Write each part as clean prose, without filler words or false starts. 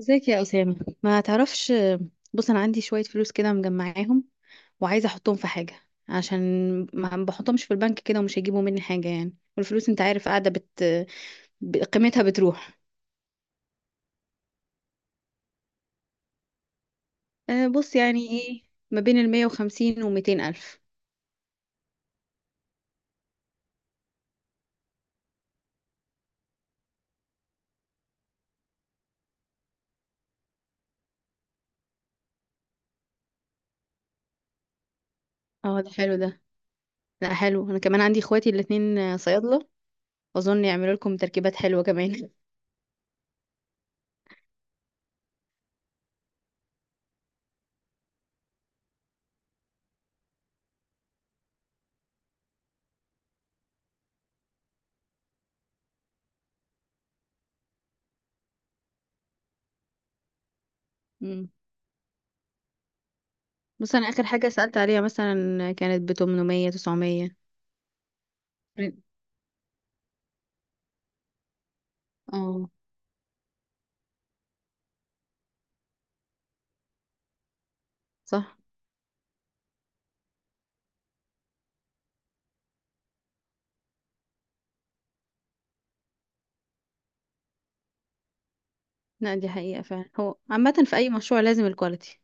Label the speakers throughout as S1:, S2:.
S1: ازيك يا أسامة؟ ما تعرفش. بص، أنا عندي شوية فلوس كده مجمعاهم وعايزة أحطهم في حاجة عشان ما بحطهمش في البنك كده ومش هيجيبوا مني حاجة يعني، والفلوس أنت عارف قاعدة قيمتها بتروح. أه بص، يعني إيه؟ ما بين المية وخمسين وميتين ألف. اه ده حلو ده. لا حلو، أنا كمان عندي إخواتي الاتنين صيادلة. أظن يعملوا لكم تركيبات حلوة كمان. مم. بص أنا آخر حاجة سألت عليها مثلا كانت ب 800، 900. اه صح. لا، دي حقيقة فعلا، هو عامة في أي مشروع لازم الكواليتي.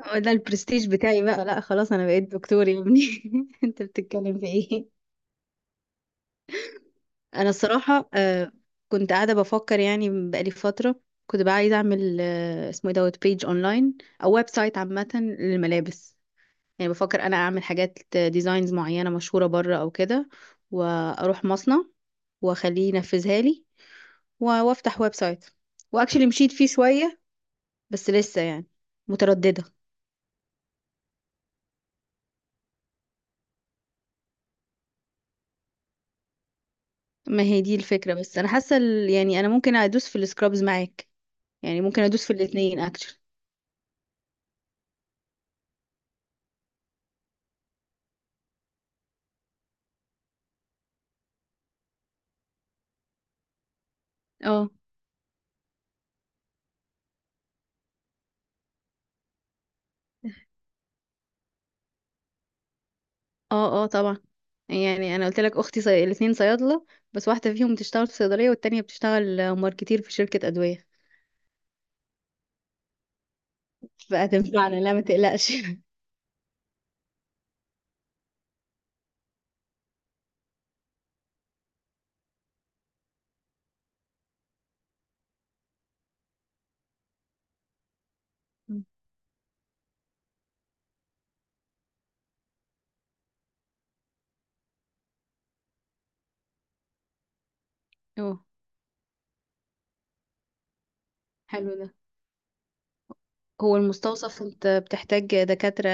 S1: هو ده البرستيج بتاعي بقى، لا خلاص أنا بقيت دكتور يا ابني. أنت بتتكلم في إيه؟ أنا الصراحة كنت قاعدة بفكر يعني بقالي فترة. كنت بقى عايزة أعمل اسمه إيه دوت بيج أونلاين أو ويب سايت عامة للملابس. يعني بفكر أنا أعمل حاجات ديزاينز معينة مشهورة بره أو كده وأروح مصنع وأخليه ينفذها لي، وأفتح ويب سايت. وأكشلي مشيت فيه شوية، بس لسه يعني مترددة. ما هي دي الفكرة، بس انا حاسة يعني انا ممكن ادوس في السكرابز معاك. يعني ممكن ادوس في الاتنين اكشن. اه اه، اه طبعا. يعني انا قلت لك اختي الاتنين صيادلة، بس واحدة فيهم بتشتغل في صيدلية والتانية بتشتغل ماركتير في شركة ادوية. فهتنفعنا، لا ما تقلقش. اه حلو ده. هو المستوصف انت بتحتاج دكاترة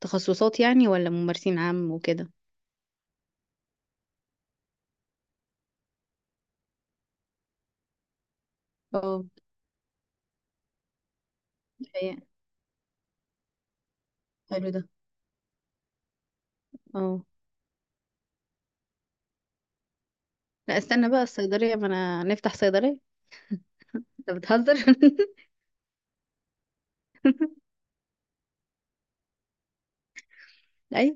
S1: تخصصات يعني ولا ممارسين عام وكده؟ اه، هي- حلو ده. اه لا استنى بقى، الصيدلية ما انا نفتح صيدلية. انت بتهزر. اي،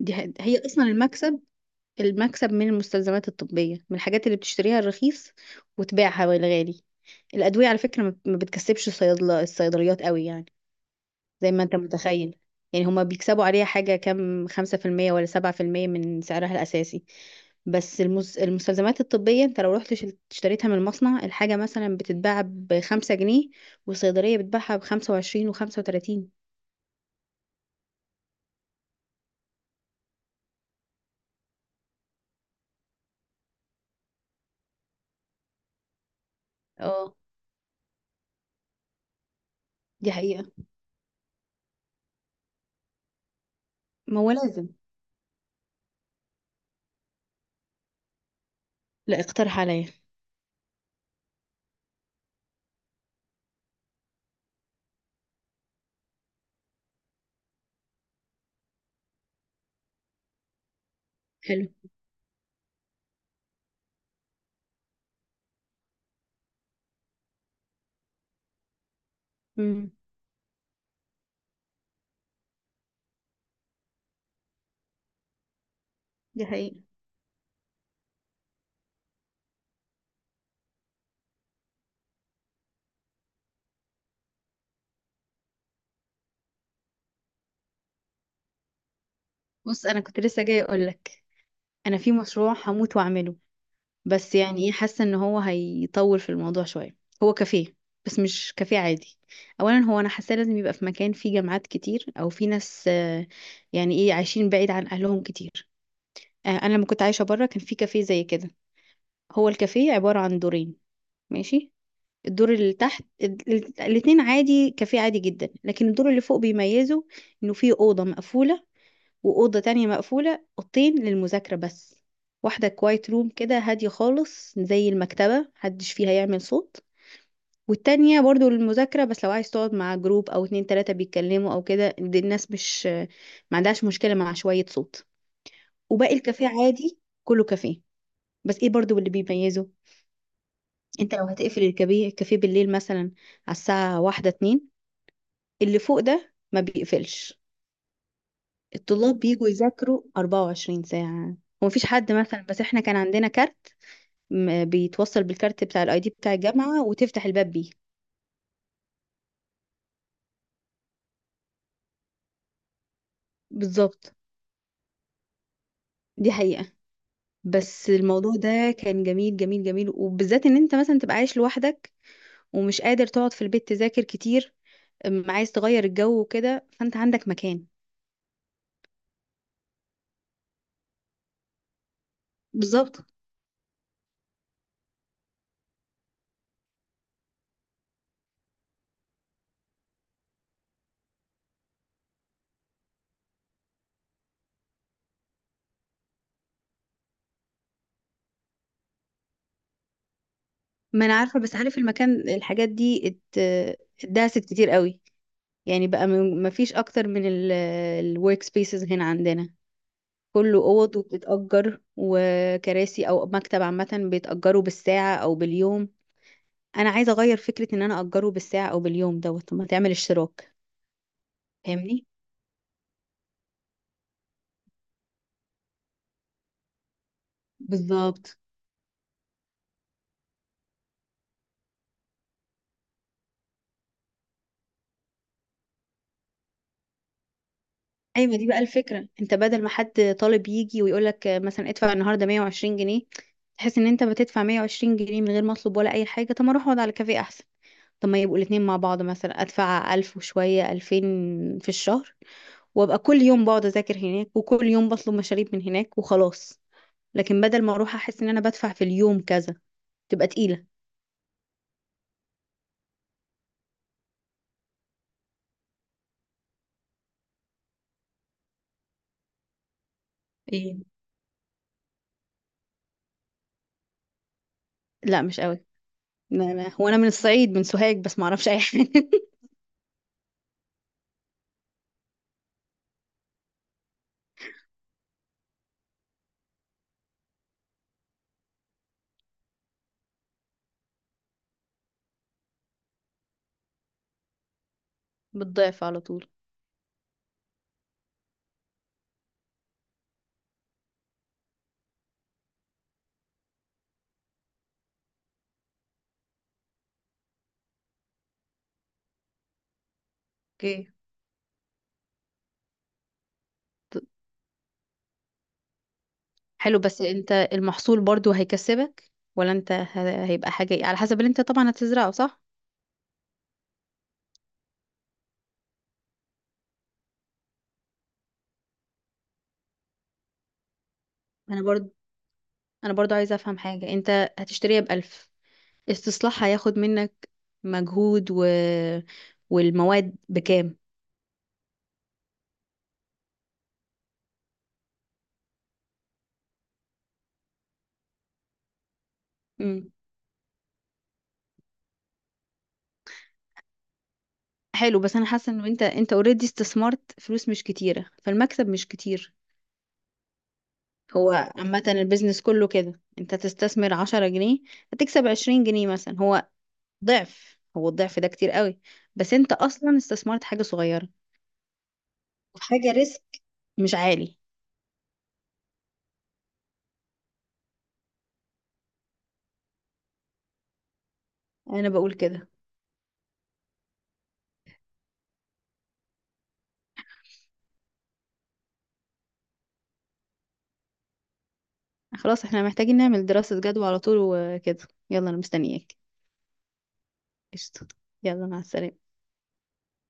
S1: دي هي اصلا المكسب. المكسب من المستلزمات الطبيه، من الحاجات اللي بتشتريها الرخيص وتبيعها بالغالي. الادويه على فكره ما بتكسبش الصيادله الصيدليات قوي يعني، زي ما انت متخيل. يعني هما بيكسبوا عليها حاجه كام، 5% ولا 7% من سعرها الاساسي؟ بس المستلزمات الطبيه انت لو رحت اشتريتها من المصنع، الحاجه مثلا بتتباع ب 5 جنيه والصيدليه بتباعها ب 25 و35. اه دي حقيقه. ما هو لازم. لا، اقترح عليا. حلو. مم. دي حقيقة. بص انا كنت لسه جايه اقول لك، انا في مشروع هموت واعمله، بس يعني ايه، حاسه ان هو هيطول في الموضوع شويه. هو كافيه بس مش كافيه عادي. اولا هو انا حاسه لازم يبقى في مكان فيه جامعات كتير او في ناس يعني ايه، عايشين بعيد عن اهلهم كتير. انا لما كنت عايشه بره كان في كافيه زي كده. هو الكافيه عباره عن دورين، ماشي. الدور اللي تحت الاتنين عادي، كافيه عادي جدا، لكن الدور اللي فوق بيميزه انه فيه اوضه مقفوله وأوضة تانية مقفولة، أوضتين للمذاكرة بس. واحدة كوايت روم كده هادية خالص زي المكتبة، محدش فيها يعمل صوت، والتانية برضو للمذاكرة بس لو عايز تقعد مع جروب أو اتنين تلاتة بيتكلموا أو كده. دي الناس مش، ما عندهاش مشكلة مع شوية صوت. وباقي الكافيه عادي، كله كافيه. بس ايه برضو اللي بيميزه؟ انت لو هتقفل الكافيه بالليل مثلا على الساعة واحدة اتنين، اللي فوق ده ما بيقفلش. الطلاب بيجوا يذاكروا 24 ساعة، ومفيش حد مثلا، بس احنا كان عندنا كارت بيتوصل بالكارت بتاع الاي دي بتاع الجامعة وتفتح الباب بيه. بالظبط، دي حقيقة. بس الموضوع ده كان جميل جميل جميل، وبالذات ان انت مثلا تبقى عايش لوحدك ومش قادر تقعد في البيت تذاكر كتير، عايز تغير الجو وكده، فانت عندك مكان. بالظبط. ما انا عارفة، بس عارف المكان، الحاجات دي اتداست كتير قوي. يعني بقى ما فيش اكتر من الورك سبيسز هنا عندنا، كله اوض وبتتأجر، وكراسي او مكتب عامة بيتأجروا بالساعة او باليوم. انا عايزه اغير فكره ان انا اجره بالساعه او باليوم دوت، طب ما تعمل اشتراك. فاهمني؟ بالظبط. ايوه دي بقى الفكره، انت بدل ما حد طالب يجي ويقول لك مثلا ادفع النهارده 120 جنيه، تحس ان انت بتدفع 120 جنيه من غير ما اطلب ولا اي حاجه. طب ما اروح اقعد على كافيه احسن. طب ما يبقوا الاتنين مع بعض، مثلا ادفع 1000 وشويه 2000 في الشهر، وابقى كل يوم بقعد اذاكر هناك وكل يوم بطلب مشاريب من هناك وخلاص. لكن بدل ما اروح احس ان انا بدفع في اليوم كذا تبقى تقيله. ايه؟ لا مش قوي. لا لا، هو انا من الصعيد من سوهاج، بس ما اعرفش اي حاجه. بتضيف على طول. اوكي. ط- حلو، بس انت المحصول برضو هيكسبك ولا انت، هيبقى حاجه إيه؟ على حسب اللي انت طبعا هتزرعه، صح. انا برضو انا برضو عايزه افهم حاجه، انت هتشتريها بألف، استصلاحها هياخد منك مجهود والمواد بكام؟ مم. حلو، بس انا حاسه ان انت اوريدي استثمرت فلوس مش كتيره فالمكسب مش كتير. هو عامة البيزنس كله كده، انت تستثمر 10 جنيه هتكسب 20 جنيه مثلا، هو ضعف. هو الضعف ده كتير قوي، بس انت اصلا استثمرت حاجة صغيرة وحاجة ريسك مش عالي. انا بقول كده. خلاص، احنا محتاجين نعمل دراسة جدوى على طول وكده. يلا انا مستنياك. قشطة. يلا مع السلامة.